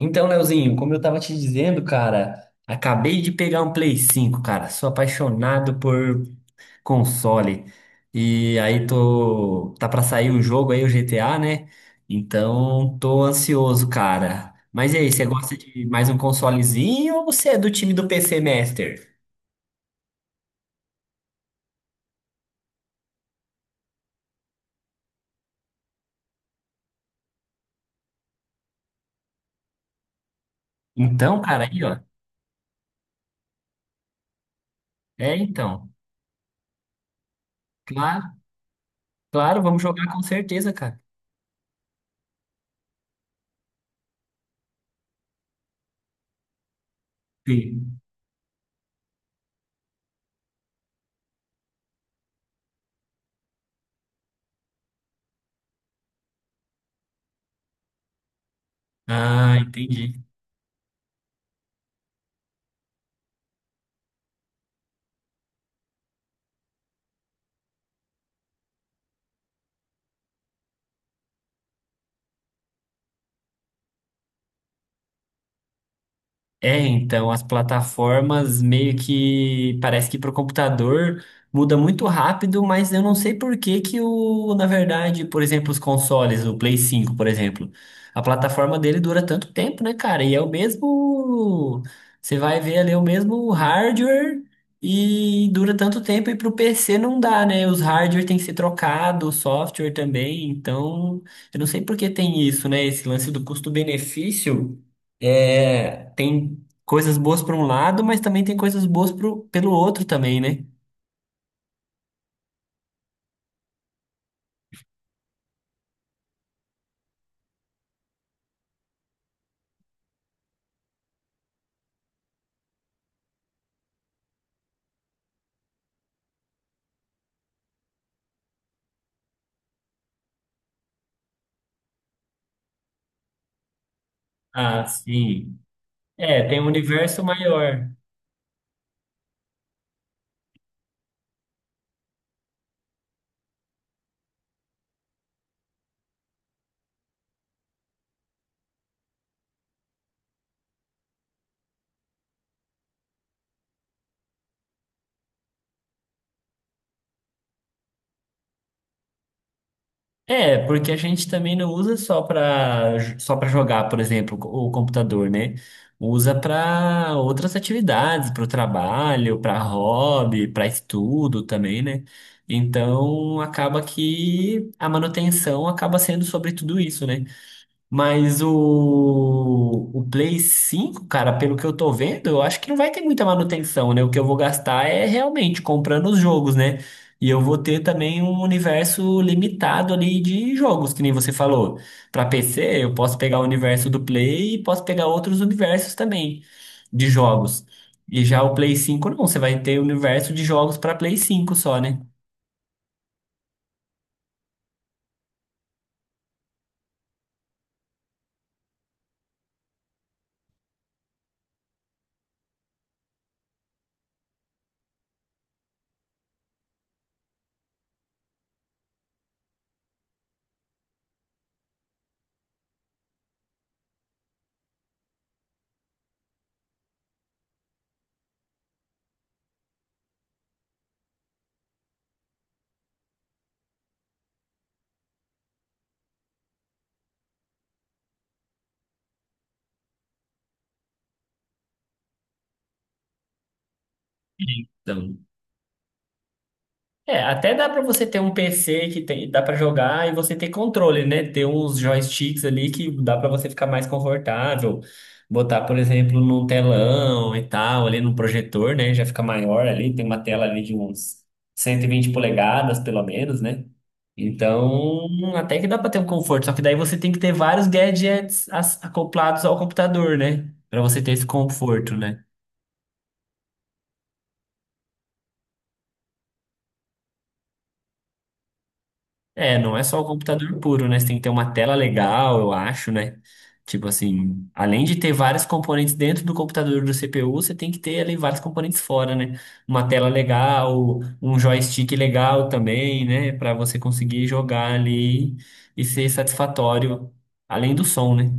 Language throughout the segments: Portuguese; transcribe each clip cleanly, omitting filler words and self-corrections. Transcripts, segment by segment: Então, Leozinho, como eu tava te dizendo, cara, acabei de pegar um Play 5, cara. Sou apaixonado por console. E aí tô, tá pra sair o jogo aí, o GTA, né? Então, tô ansioso, cara. Mas e aí, você gosta de mais um consolezinho ou você é do time do PC Master? Então, cara, aí, ó. É, então. Claro, claro, vamos jogar com certeza, cara. Sim. Ah, entendi. É, então, as plataformas meio que parece que para o computador muda muito rápido, mas eu não sei por que que o, na verdade, por exemplo, os consoles, o Play 5, por exemplo, a plataforma dele dura tanto tempo, né, cara? E é o mesmo, você vai ver ali o mesmo hardware e dura tanto tempo e para o PC não dá, né? Os hardware tem que ser trocado, o software também, então, eu não sei por que tem isso, né? Esse lance do custo-benefício é, tem coisas boas para um lado, mas também tem coisas boas pro, pelo outro também, né? Ah, sim. É, tem um universo maior. É, porque a gente também não usa só para jogar, por exemplo, o computador, né? Usa para outras atividades, para o trabalho, para hobby, para estudo também, né? Então acaba que a manutenção acaba sendo sobre tudo isso, né? Mas o Play 5 cara, pelo que eu tô vendo, eu acho que não vai ter muita manutenção, né? O que eu vou gastar é realmente comprando os jogos, né? E eu vou ter também um universo limitado ali de jogos, que nem você falou. Para PC, eu posso pegar o universo do Play e posso pegar outros universos também de jogos. E já o Play 5 não, você vai ter o universo de jogos para Play 5 só, né? É, até dá pra você ter um PC que tem, dá pra jogar e você ter controle, né? Ter uns joysticks ali que dá pra você ficar mais confortável. Botar, por exemplo, num telão e tal, ali num projetor, né? Já fica maior ali, tem uma tela ali de uns 120 polegadas, pelo menos, né? Então, até que dá pra ter um conforto, só que daí você tem que ter vários gadgets acoplados ao computador, né? Pra você ter esse conforto, né? É, não é só o computador puro, né? Você tem que ter uma tela legal, eu acho, né? Tipo assim, além de ter vários componentes dentro do computador do CPU, você tem que ter ali vários componentes fora, né? Uma tela legal, um joystick legal também, né? Pra você conseguir jogar ali e ser satisfatório, além do som, né?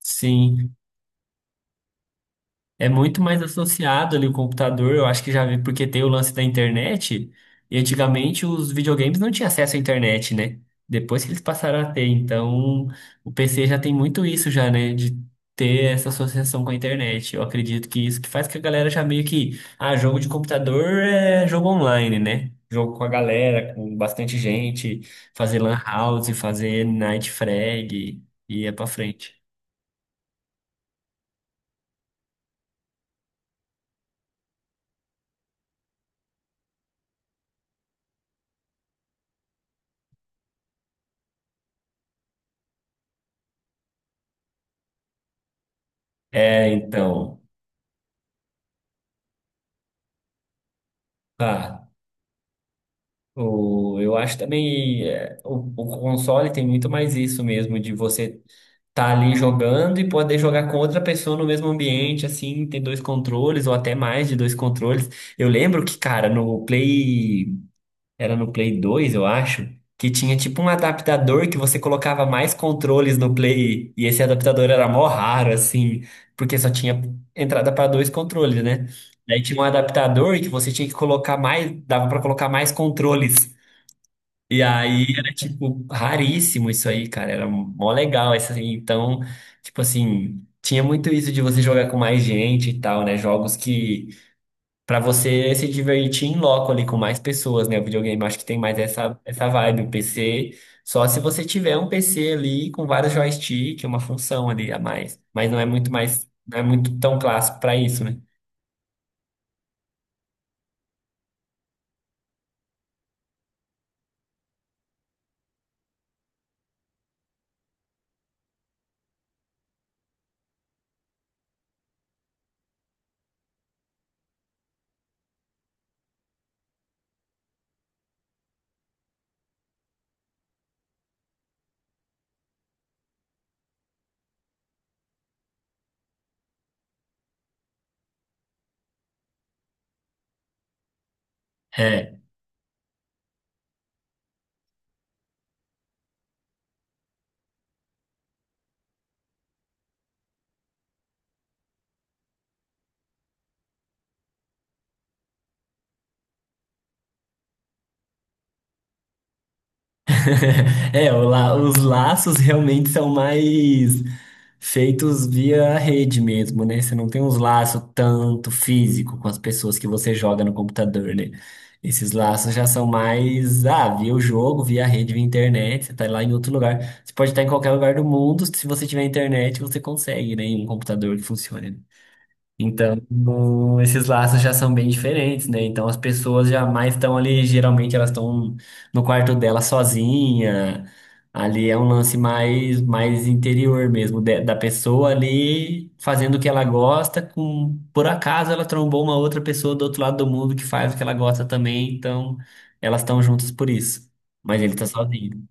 Sim. É muito mais associado ali o computador, eu acho que já vi, porque tem o lance da internet, e antigamente os videogames não tinham acesso à internet, né? Depois que eles passaram a ter, então o PC já tem muito isso já, né? De ter essa associação com a internet. Eu acredito que isso que faz que a galera já meio que, ah, jogo de computador é jogo online, né? Jogo com a galera, com bastante gente, fazer lan house, fazer night frag, e é pra frente. É, então. Tá. O, eu acho também é, o console tem muito mais isso mesmo, de você tá ali jogando e poder jogar com outra pessoa no mesmo ambiente, assim, ter dois controles ou até mais de dois controles. Eu lembro que, cara, no Play, era no Play 2 eu acho, que tinha tipo um adaptador que você colocava mais controles no Play e esse adaptador era mó raro, assim, porque só tinha entrada para dois controles, né? Daí tinha um adaptador que você tinha que colocar mais, dava para colocar mais controles. E aí era, tipo, raríssimo isso aí, cara. Era mó legal. Esse, assim, então, tipo assim, tinha muito isso de você jogar com mais gente e tal, né? Jogos que, pra você se divertir em loco ali com mais pessoas, né? O videogame acho que tem mais essa, essa vibe. O PC, só se você tiver um PC ali com vários joystick, uma função ali a mais. Mas não é muito mais, não é muito tão clássico pra isso, né? É. É, o os laços realmente são mais feitos via rede mesmo, né? Você não tem uns laços tanto físico com as pessoas que você joga no computador, né? Esses laços já são mais, ah, via o jogo, via rede, via internet, você tá lá em outro lugar. Você pode estar em qualquer lugar do mundo, se você tiver internet, você consegue, né? Em um computador que funcione. Então, esses laços já são bem diferentes, né? Então, as pessoas jamais estão ali, geralmente elas estão no quarto dela sozinha. Ali é um lance mais, mais interior mesmo, da pessoa ali fazendo o que ela gosta, com, por acaso ela trombou uma outra pessoa do outro lado do mundo que faz o que ela gosta também, então elas estão juntas por isso. Mas ele tá sozinho.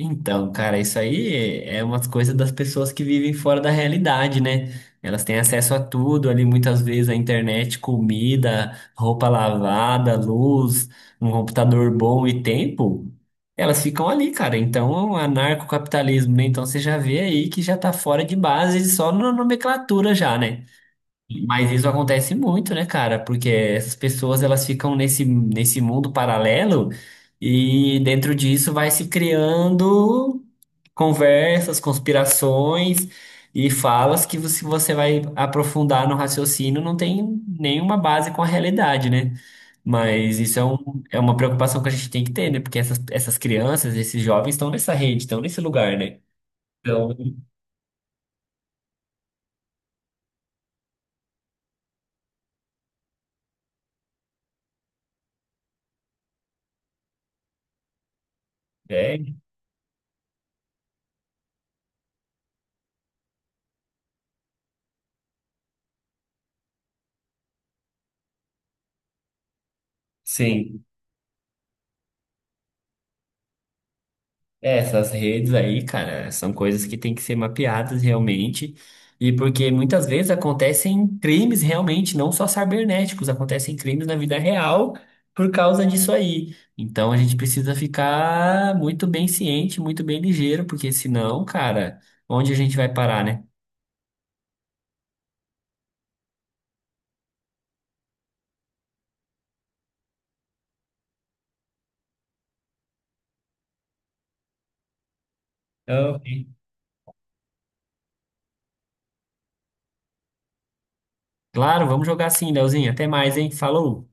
Então, cara, isso aí é umas coisas das pessoas que vivem fora da realidade, né? Elas têm acesso a tudo ali, muitas vezes a internet, comida, roupa lavada, luz, um computador bom e tempo. Elas ficam ali, cara. Então, é um anarcocapitalismo, né? Então, você já vê aí que já tá fora de base, só na nomenclatura já, né? Mas isso acontece muito, né, cara? Porque essas pessoas elas ficam nesse mundo paralelo e dentro disso vai se criando conversas, conspirações e falas que você vai aprofundar no raciocínio não tem nenhuma base com a realidade, né? Mas isso é, um, é uma preocupação que a gente tem que ter, né? Porque essas, essas crianças, esses jovens estão nessa rede, estão nesse lugar, né? Então, é, sim. É, essas redes aí, cara, são coisas que têm que ser mapeadas realmente. E porque muitas vezes acontecem crimes realmente, não só cibernéticos, acontecem crimes na vida real por causa disso aí. Então a gente precisa ficar muito bem ciente, muito bem ligeiro, porque senão, cara, onde a gente vai parar, né? Então, claro, vamos jogar sim, Leozinho. Até mais, hein? Falou!